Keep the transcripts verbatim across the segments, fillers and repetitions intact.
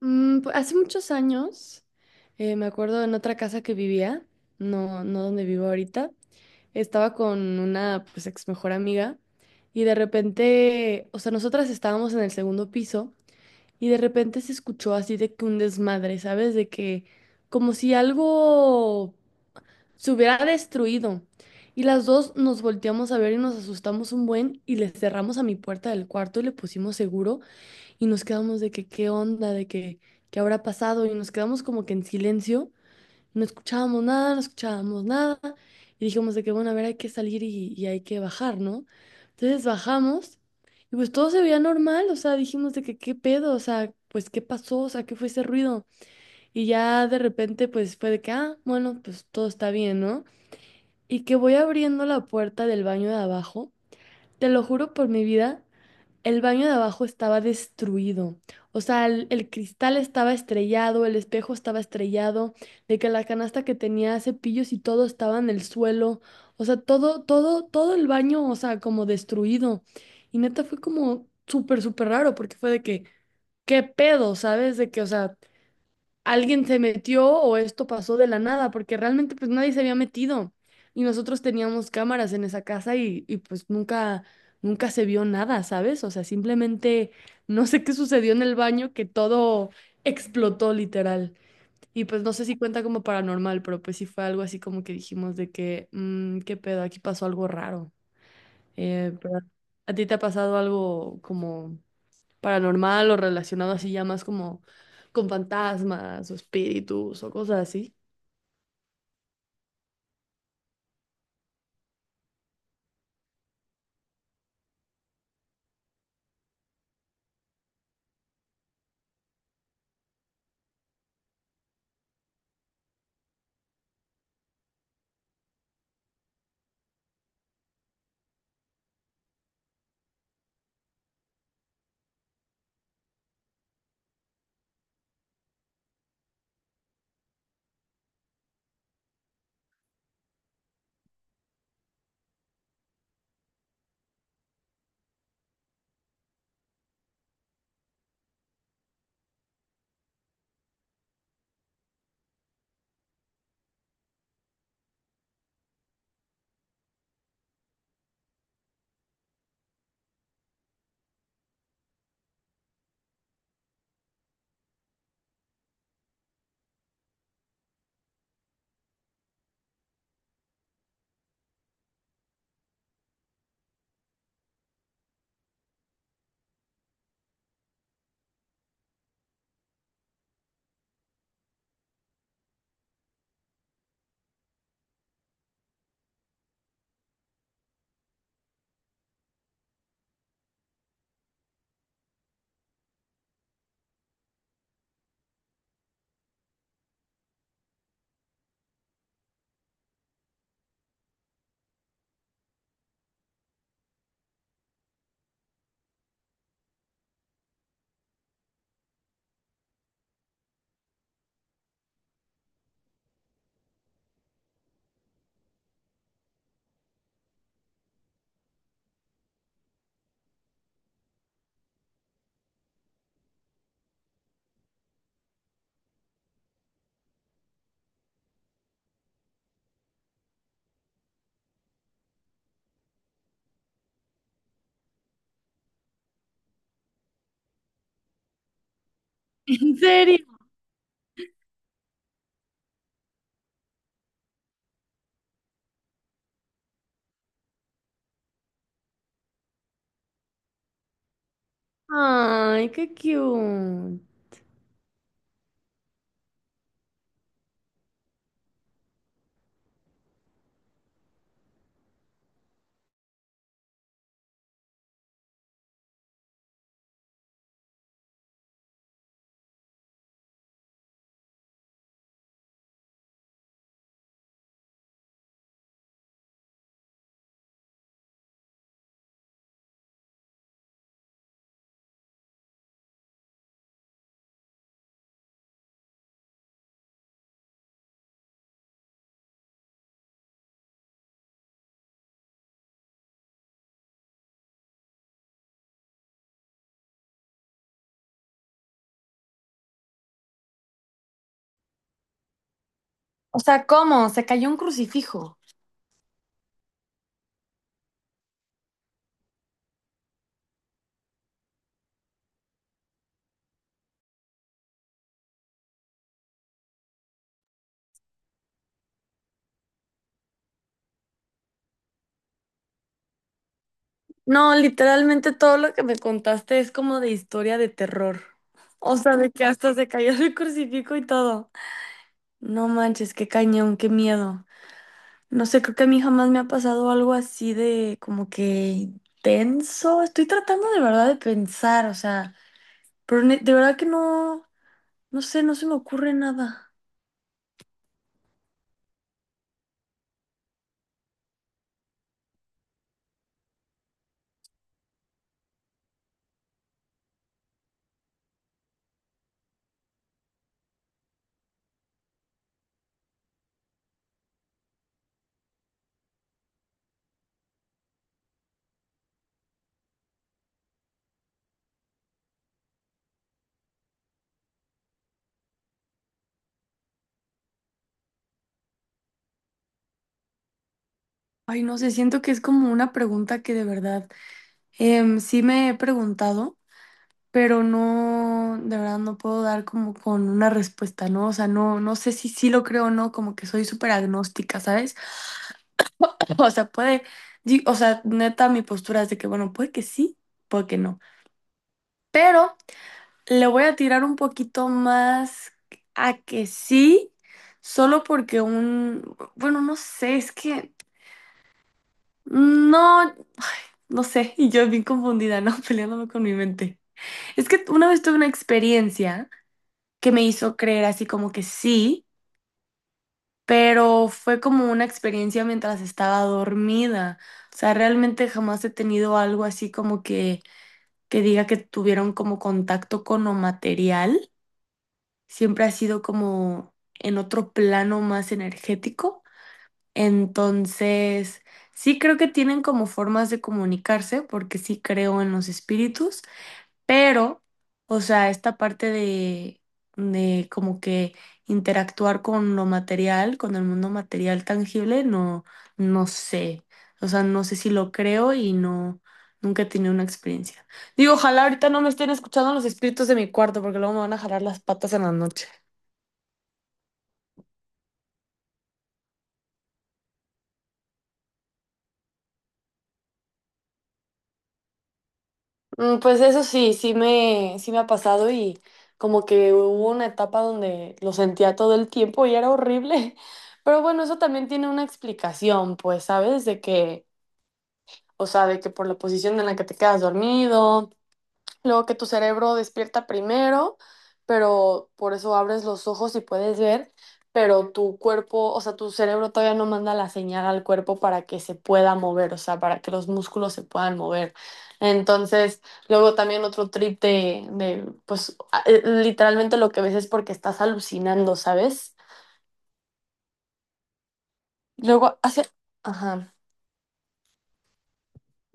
Mm, pu- hace muchos años, eh, me acuerdo en otra casa que vivía, no, no donde vivo ahorita, estaba con una pues ex mejor amiga y de repente, o sea, nosotras estábamos en el segundo piso y de repente se escuchó así de que un desmadre, ¿sabes? De que como si algo se hubiera destruido. Y las dos nos volteamos a ver y nos asustamos un buen y le cerramos a mi puerta del cuarto y le pusimos seguro y nos quedamos de que qué onda, de que qué habrá pasado y nos quedamos como que en silencio, no escuchábamos nada, no escuchábamos nada y dijimos de que bueno, a ver, hay que salir y, y hay que bajar, ¿no? Entonces bajamos y pues todo se veía normal, o sea, dijimos de que qué pedo, o sea, pues qué pasó, o sea, qué fue ese ruido y ya de repente pues fue de que ah, bueno, pues todo está bien, ¿no? Y que voy abriendo la puerta del baño de abajo. Te lo juro por mi vida, el baño de abajo estaba destruido. O sea, el, el cristal estaba estrellado, el espejo estaba estrellado, de que la canasta que tenía cepillos y todo estaba en el suelo. O sea, todo, todo, todo el baño, o sea, como destruido. Y neta fue como súper, súper raro porque fue de que, ¿qué pedo? ¿Sabes? De que, o sea, alguien se metió o esto pasó de la nada, porque realmente pues nadie se había metido y nosotros teníamos cámaras en esa casa y, y, pues nunca, nunca se vio nada, ¿sabes? O sea, simplemente no sé qué sucedió en el baño, que todo explotó literal. Y pues no sé si cuenta como paranormal, pero pues sí fue algo así como que dijimos de que, "Mm, qué pedo, aquí pasó algo raro". Eh, pero, ¿a ti te ha pasado algo como paranormal o relacionado así ya más como con fantasmas o espíritus o cosas así? ¿En serio? Ay, qué cute. O sea, ¿cómo? Se cayó un crucifijo. No, literalmente todo lo que me contaste es como de historia de terror. O sea, de que hasta se cayó el crucifijo y todo. No manches, qué cañón, qué miedo. No sé, creo que a mí jamás me ha pasado algo así de como que tenso. Estoy tratando de verdad de pensar, o sea. Pero ne- de verdad que no, no sé, no se me ocurre nada. Ay, no sé, siento que es como una pregunta que de verdad em, sí me he preguntado, pero no, de verdad no puedo dar como con una respuesta, ¿no? O sea, no, no sé si sí lo creo o no, como que soy súper agnóstica, ¿sabes? O sea, puede, di- o sea, neta, mi postura es de que, bueno, puede que sí, puede que no. Pero le voy a tirar un poquito más a que sí, solo porque un, bueno, no sé, es que. No, no sé, y yo bien confundida, ¿no? Peleándome con mi mente. Es que una vez tuve una experiencia que me hizo creer así como que sí, pero fue como una experiencia mientras estaba dormida. O sea, realmente jamás he tenido algo así como que, que, diga que tuvieron como contacto con lo material. Siempre ha sido como en otro plano más energético. Entonces, sí creo que tienen como formas de comunicarse, porque sí creo en los espíritus, pero, o sea, esta parte de, de como que interactuar con lo material, con el mundo material tangible, no, no sé. O sea, no sé si lo creo y no, nunca he tenido una experiencia. Digo, ojalá ahorita no me estén escuchando los espíritus de mi cuarto, porque luego me van a jalar las patas en la noche. Mm, Pues eso sí, sí me, sí me ha pasado y como que hubo una etapa donde lo sentía todo el tiempo y era horrible. Pero bueno, eso también tiene una explicación, pues, ¿sabes? De que, o sea, de que por la posición en la que te quedas dormido. Luego que tu cerebro despierta primero, pero por eso abres los ojos y puedes ver, pero tu cuerpo, o sea, tu cerebro todavía no manda la señal al cuerpo para que se pueda mover, o sea, para que los músculos se puedan mover. Entonces, luego también otro trip de, de pues, a- eh, literalmente lo que ves es porque estás alucinando, ¿sabes? Luego hace. Ajá.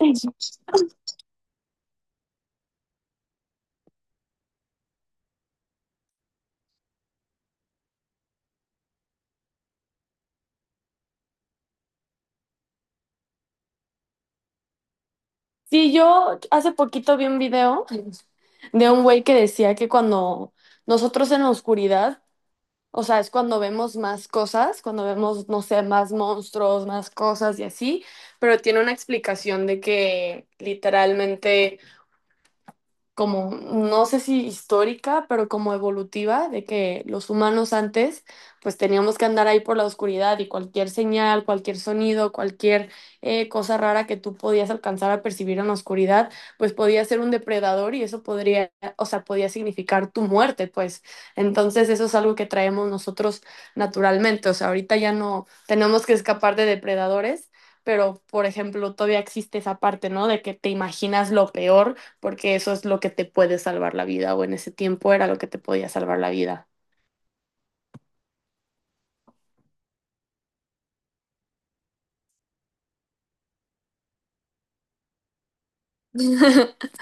Sí, yo hace poquito vi un video de un güey que decía que cuando nosotros en la oscuridad, o sea, es cuando vemos más cosas, cuando vemos, no sé, más monstruos, más cosas y así, pero tiene una explicación de que literalmente como, no sé si histórica, pero como evolutiva, de que los humanos antes, pues teníamos que andar ahí por la oscuridad y cualquier señal, cualquier sonido, cualquier eh, cosa rara que tú podías alcanzar a percibir en la oscuridad, pues podía ser un depredador y eso podría, o sea, podía significar tu muerte, pues. Entonces eso es algo que traemos nosotros naturalmente, o sea, ahorita ya no tenemos que escapar de depredadores. Pero, por ejemplo, todavía existe esa parte, ¿no? De que te imaginas lo peor porque eso es lo que te puede salvar la vida, o en ese tiempo era lo que te podía salvar la vida.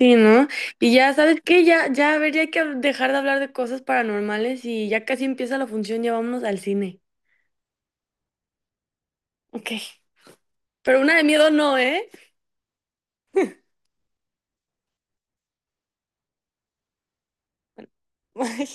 Sí, ¿no? Y ya, ¿sabes qué? Ya, ya, a ver, ya hay que dejar de hablar de cosas paranormales y ya casi empieza la función, ya vámonos al cine. Ok. Pero una de miedo no, ¿eh?